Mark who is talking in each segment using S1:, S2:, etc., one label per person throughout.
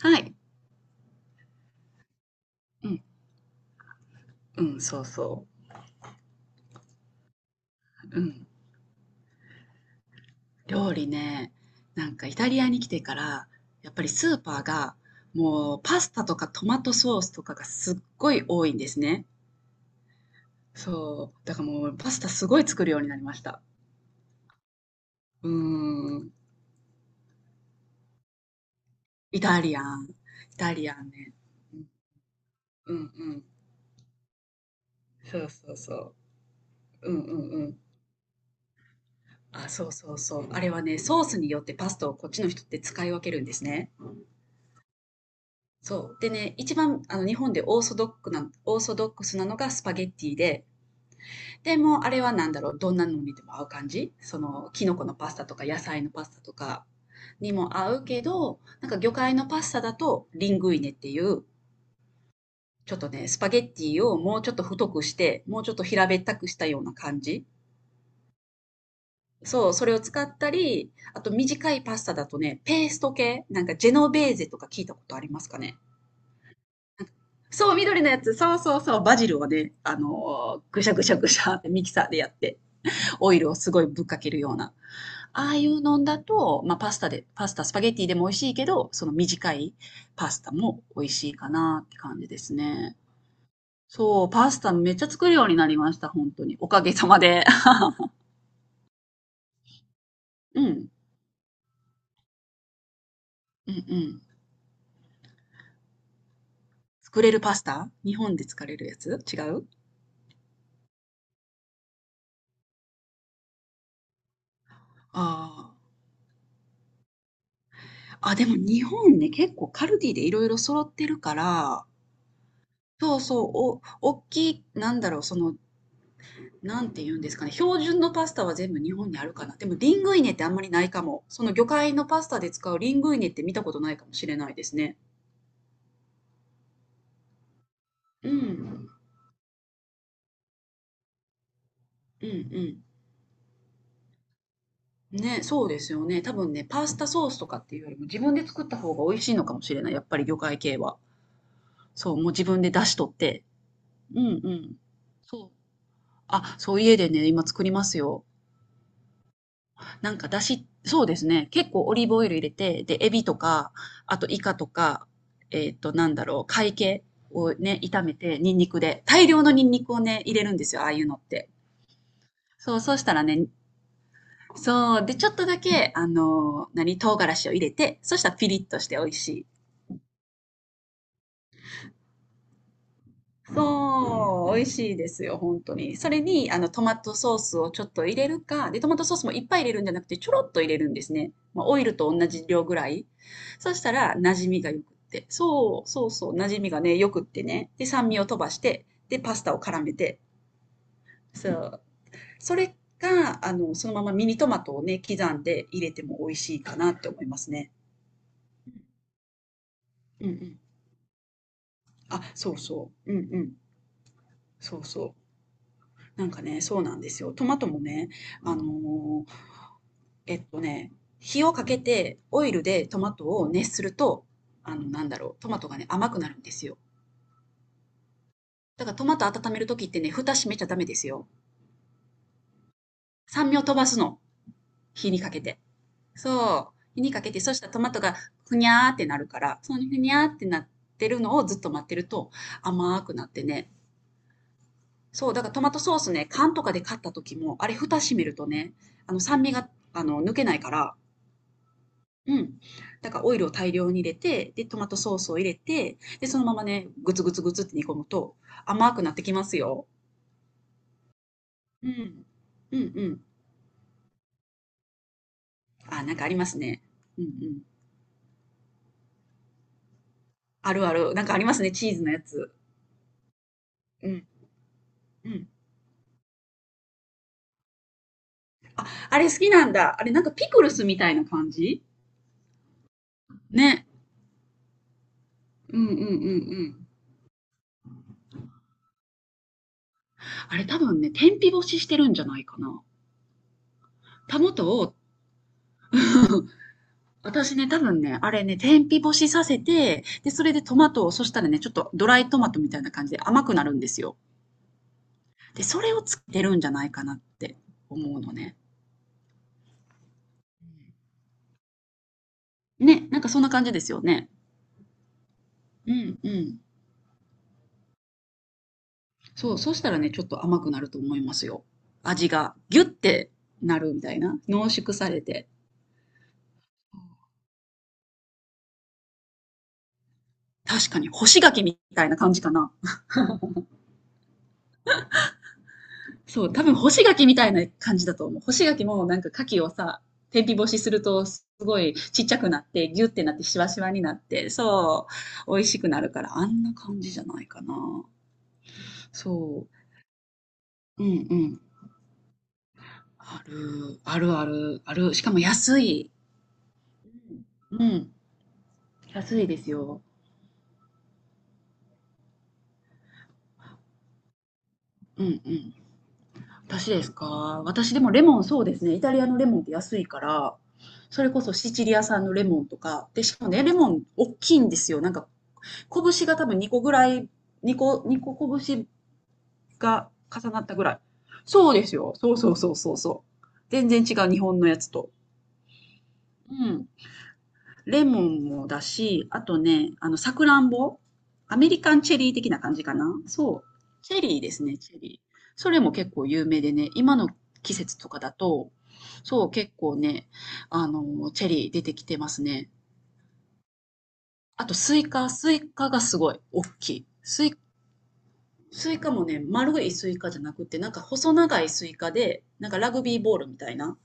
S1: はい。うん、うん、そうそう。うん。料理ね、なんかイタリアに来てから、やっぱりスーパーが、もうパスタとかトマトソースとかがすっごい多いんですね。そう。だからもうパスタすごい作るようになりました。うーん。イタリアン。イタリアンね。うんうんうん。そうそうそう。うんうんうん。あ、そうそうそう。あれはね、ソースによってパスタをこっちの人って使い分けるんですね。そう。でね、一番日本でオーソドックな、オーソドックスなのがスパゲッティで、でもうあれはどんなのにでも合う感じ、その、キノコのパスタとか野菜のパスタとかにも合うけど、なんか魚介のパスタだとリングイネっていう、ちょっとね、スパゲッティをもうちょっと太くして、もうちょっと平べったくしたような感じ。そう、それを使ったり、あと短いパスタだとね、ペースト系、なんかジェノベーゼとか聞いたことありますかね？そう、緑のやつ。そうそうそう。バジルをね、ぐしゃぐしゃぐしゃってミキサーでやって、オイルをすごいぶっかけるような。ああいうのんだと、まあ、パスタで、パスタ、スパゲッティでも美味しいけど、その短いパスタも美味しいかなって感じですね。そう、パスタめっちゃ作るようになりました、本当に。おかげさまで。うん。うんうん。作れるパスタ、日本で作れるやつ違う？ああー。あ、でも日本ね、結構カルディでいろいろ揃ってるから、そうそう、お、おっきい、なんだろう、その、なんて言うんですかね、標準のパスタは全部日本にあるかな。でも、リングイネってあんまりないかも。その魚介のパスタで使うリングイネって見たことないかもしれないですね。うん。うんうん。ね、そうですよね。多分ね、パスタソースとかっていうよりも自分で作った方が美味しいのかもしれない。やっぱり魚介系は。そう、もう自分で出しとって。うんうん。そう。あ、そう、家でね、今作りますよ。なんか、だし、そうですね。結構オリーブオイル入れて、で、エビとか、あとイカとか、貝系をね、炒めて、ニンニクで。大量のニンニクをね、入れるんですよ、ああいうのって。そう、そうしたらね、そう、で、ちょっとだけ、唐辛子を入れて、そしたらピリッとして美味しい。そう、美味しいですよ、本当に。それに、あの、トマトソースをちょっと入れるか、で、トマトソースもいっぱい入れるんじゃなくて、ちょろっと入れるんですね。まあ、オイルと同じ量ぐらい。そしたら、馴染みが良くって。そう、馴染みがね、良くってね。で、酸味を飛ばして、で、パスタを絡めて。そう。それか、あの、そのままミニトマトをね、刻んで入れても美味しいかなって思いますね。うんうん。あ、そうそう。うんうん。そうそう。なんかね、そうなんですよ。トマトもね、あの、えっとね、火をかけてオイルでトマトを熱すると、トマトがね、甘くなるんですよ。だからトマト温めるときってね、蓋閉めちゃダメですよ。酸味を飛ばすの。火にかけて。そう。火にかけて、そしたらトマトがふにゃーってなるから、そのふにゃーってなってるのをずっと待ってると甘くなってね。そう、だからトマトソースね、缶とかで買った時も、あれ蓋閉めるとね、酸味が、抜けないから、うん。だからオイルを大量に入れて、で、トマトソースを入れて、で、そのままね、グツグツグツって煮込むと甘くなってきますよ。うん。うんうん。あ、なんかありますね。うんうん。あるある。なんかありますね、チーズのやつ。うん。うん。あれ好きなんだ。あれなんかピクルスみたいな感じね。うんうんうんうん。あれ多分ね、天日干ししてるんじゃないかな。タモトを、私ね、多分ね、あれね、天日干しさせて、で、それでトマトを、そしたらね、ちょっとドライトマトみたいな感じで甘くなるんですよ。で、それをつけてるんじゃないかなって思うのね。ね、なんかそんな感じですよね。うんうん。そう、そしたらね、ちょっと甘くなると思いますよ。味がギュッてなるみたいな。濃縮されて。確かに干し柿みたいな感じかな。そう、多分干し柿みたいな感じだと思う。干し柿もなんか牡蠣をさ、天日干しするとすごいちっちゃくなって、ギュってなってシワシワになって、そう、美味しくなるから、あんな感じじゃないかな。そう、うんうん。あるある、ある。しかも安い。うん、安いですよ。うんうん。私ですか？私でもレモン、そうですね。イタリアのレモンって安いから、それこそシチリア産のレモンとか、で、しかもね、レモン大きいんですよ。なんか拳が多分2個ぐらい、2個拳が重なったぐらい。そうですよ。そうそうそうそうそう。全然違う、日本のやつと。うん。レモンもだし、あとね、あの、さくらんぼ。アメリカンチェリー的な感じかな。そう。チェリーですね、チェリー。それも結構有名でね、今の季節とかだと、そう、結構ね、あの、チェリー出てきてますね。あと、スイカ、スイカがすごい大きい。スイカもね、丸いスイカじゃなくて、なんか細長いスイカで、なんかラグビーボールみたいな。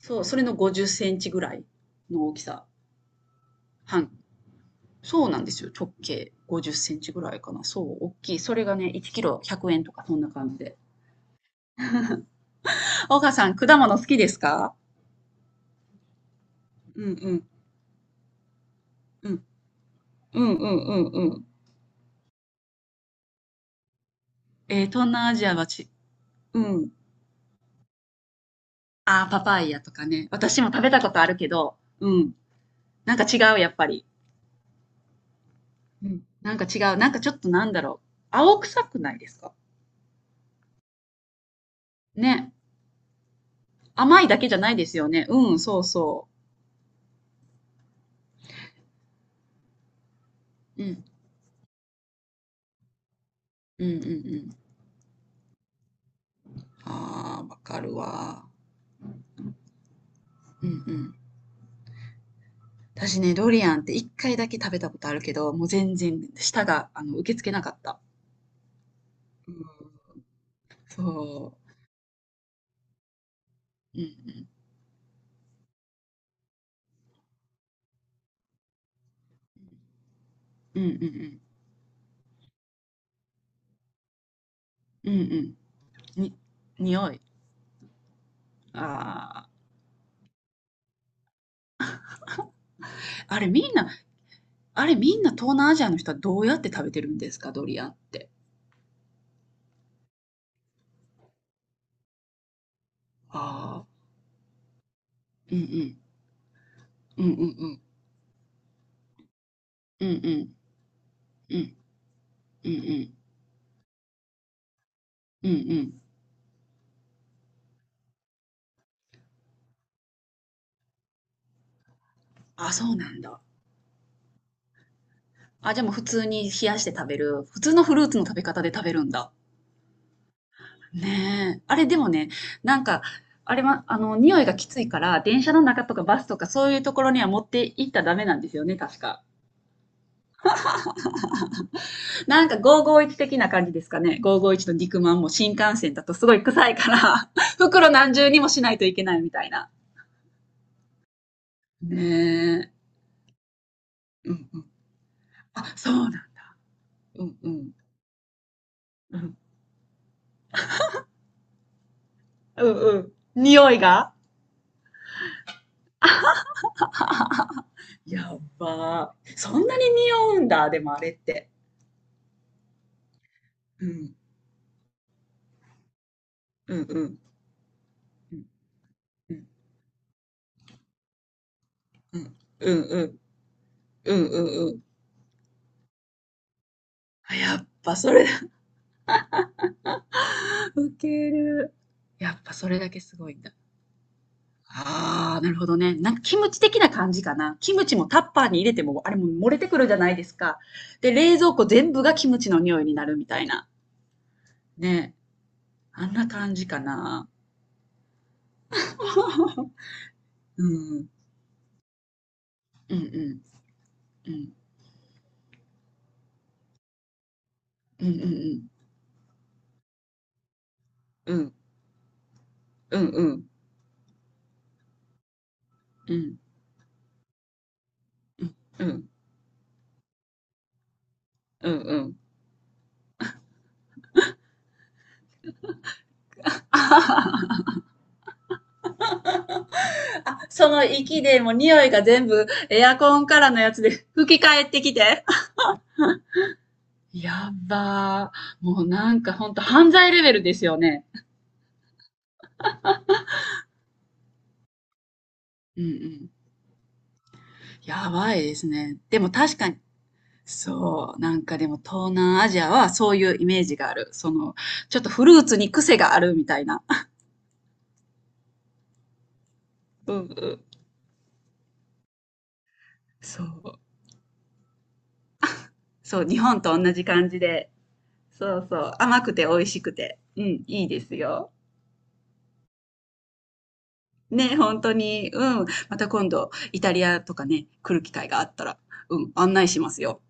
S1: そう、それの50センチぐらいの大きさ。半。そうなんですよ。直径50センチぐらいかな。そう、大きい。それがね、1キロ100円とか、そんな感じで。岡さん、果物好きですか？うんうんうん。うんうんうんうん。えー、東南アジアはち、うん。あー、パパイヤとかね。私も食べたことあるけど、うん。なんか違う、やっぱり。うん、なんか違う。なんかちょっとなんだろう。青臭くないですか？ね。甘いだけじゃないですよね。うん、そうそう。うん。うんうんうん。ああ、わかるわ。うんうん。私ね、ドリアンって一回だけ食べたことあるけど、もう全然舌が、あの、受け付けなかった。うん、そう。うんうん。うんうんうん。うんうん。に、匂い。ああ。あれみんな、あれみんな東南アジアの人はどうやって食べてるんですか、ドリアンって？ああ。うんうん。うんうんうん。うんうん。うんうんうん。うんうん。あ、そうなんだ。あ、じゃあもう普通に冷やして食べる。普通のフルーツの食べ方で食べるんだ。ねえ。あれでもね、なんか、あれは、あの、匂いがきついから、電車の中とかバスとかそういうところには持って行ったらダメなんですよね、確か。なんか551的な感じですかね。551の肉まんも新幹線だとすごい臭いから 袋何重にもしないといけないみたいな。ねえ。うんうん。あ、そうなん。うんうん。うん。うんうん。匂いがやばー。そんなに匂うんだ、でもあれって。うん。うんうん。うん。うん。うんうん。うんうんうん。あ、やっぱそれだ。ウケる。やっぱそれだけすごいんだ。ああ、なるほどね。なんかキムチ的な感じかな。キムチもタッパーに入れても、あれも漏れてくるじゃないですか。で、冷蔵庫全部がキムチの匂いになるみたいな。ね。あんな感じかな。うん。うんうん。うん。うんうんうん。うん。うんうん。うん。うん。うんうん。あ、その息でもう匂いが全部エアコンからのやつで吹き返ってきて。やっばー。もうなんかほんと犯罪レベルですよね。うんうん。やばいですね。でも確かに、そう、なんかでも東南アジアはそういうイメージがある。その、ちょっとフルーツに癖があるみたいな。うんうん。そう。そう、日本と同じ感じで。そうそう。甘くて美味しくて。うん、いいですよ。ね、本当に、うん。また今度、イタリアとかね、来る機会があったら、うん、案内しますよ。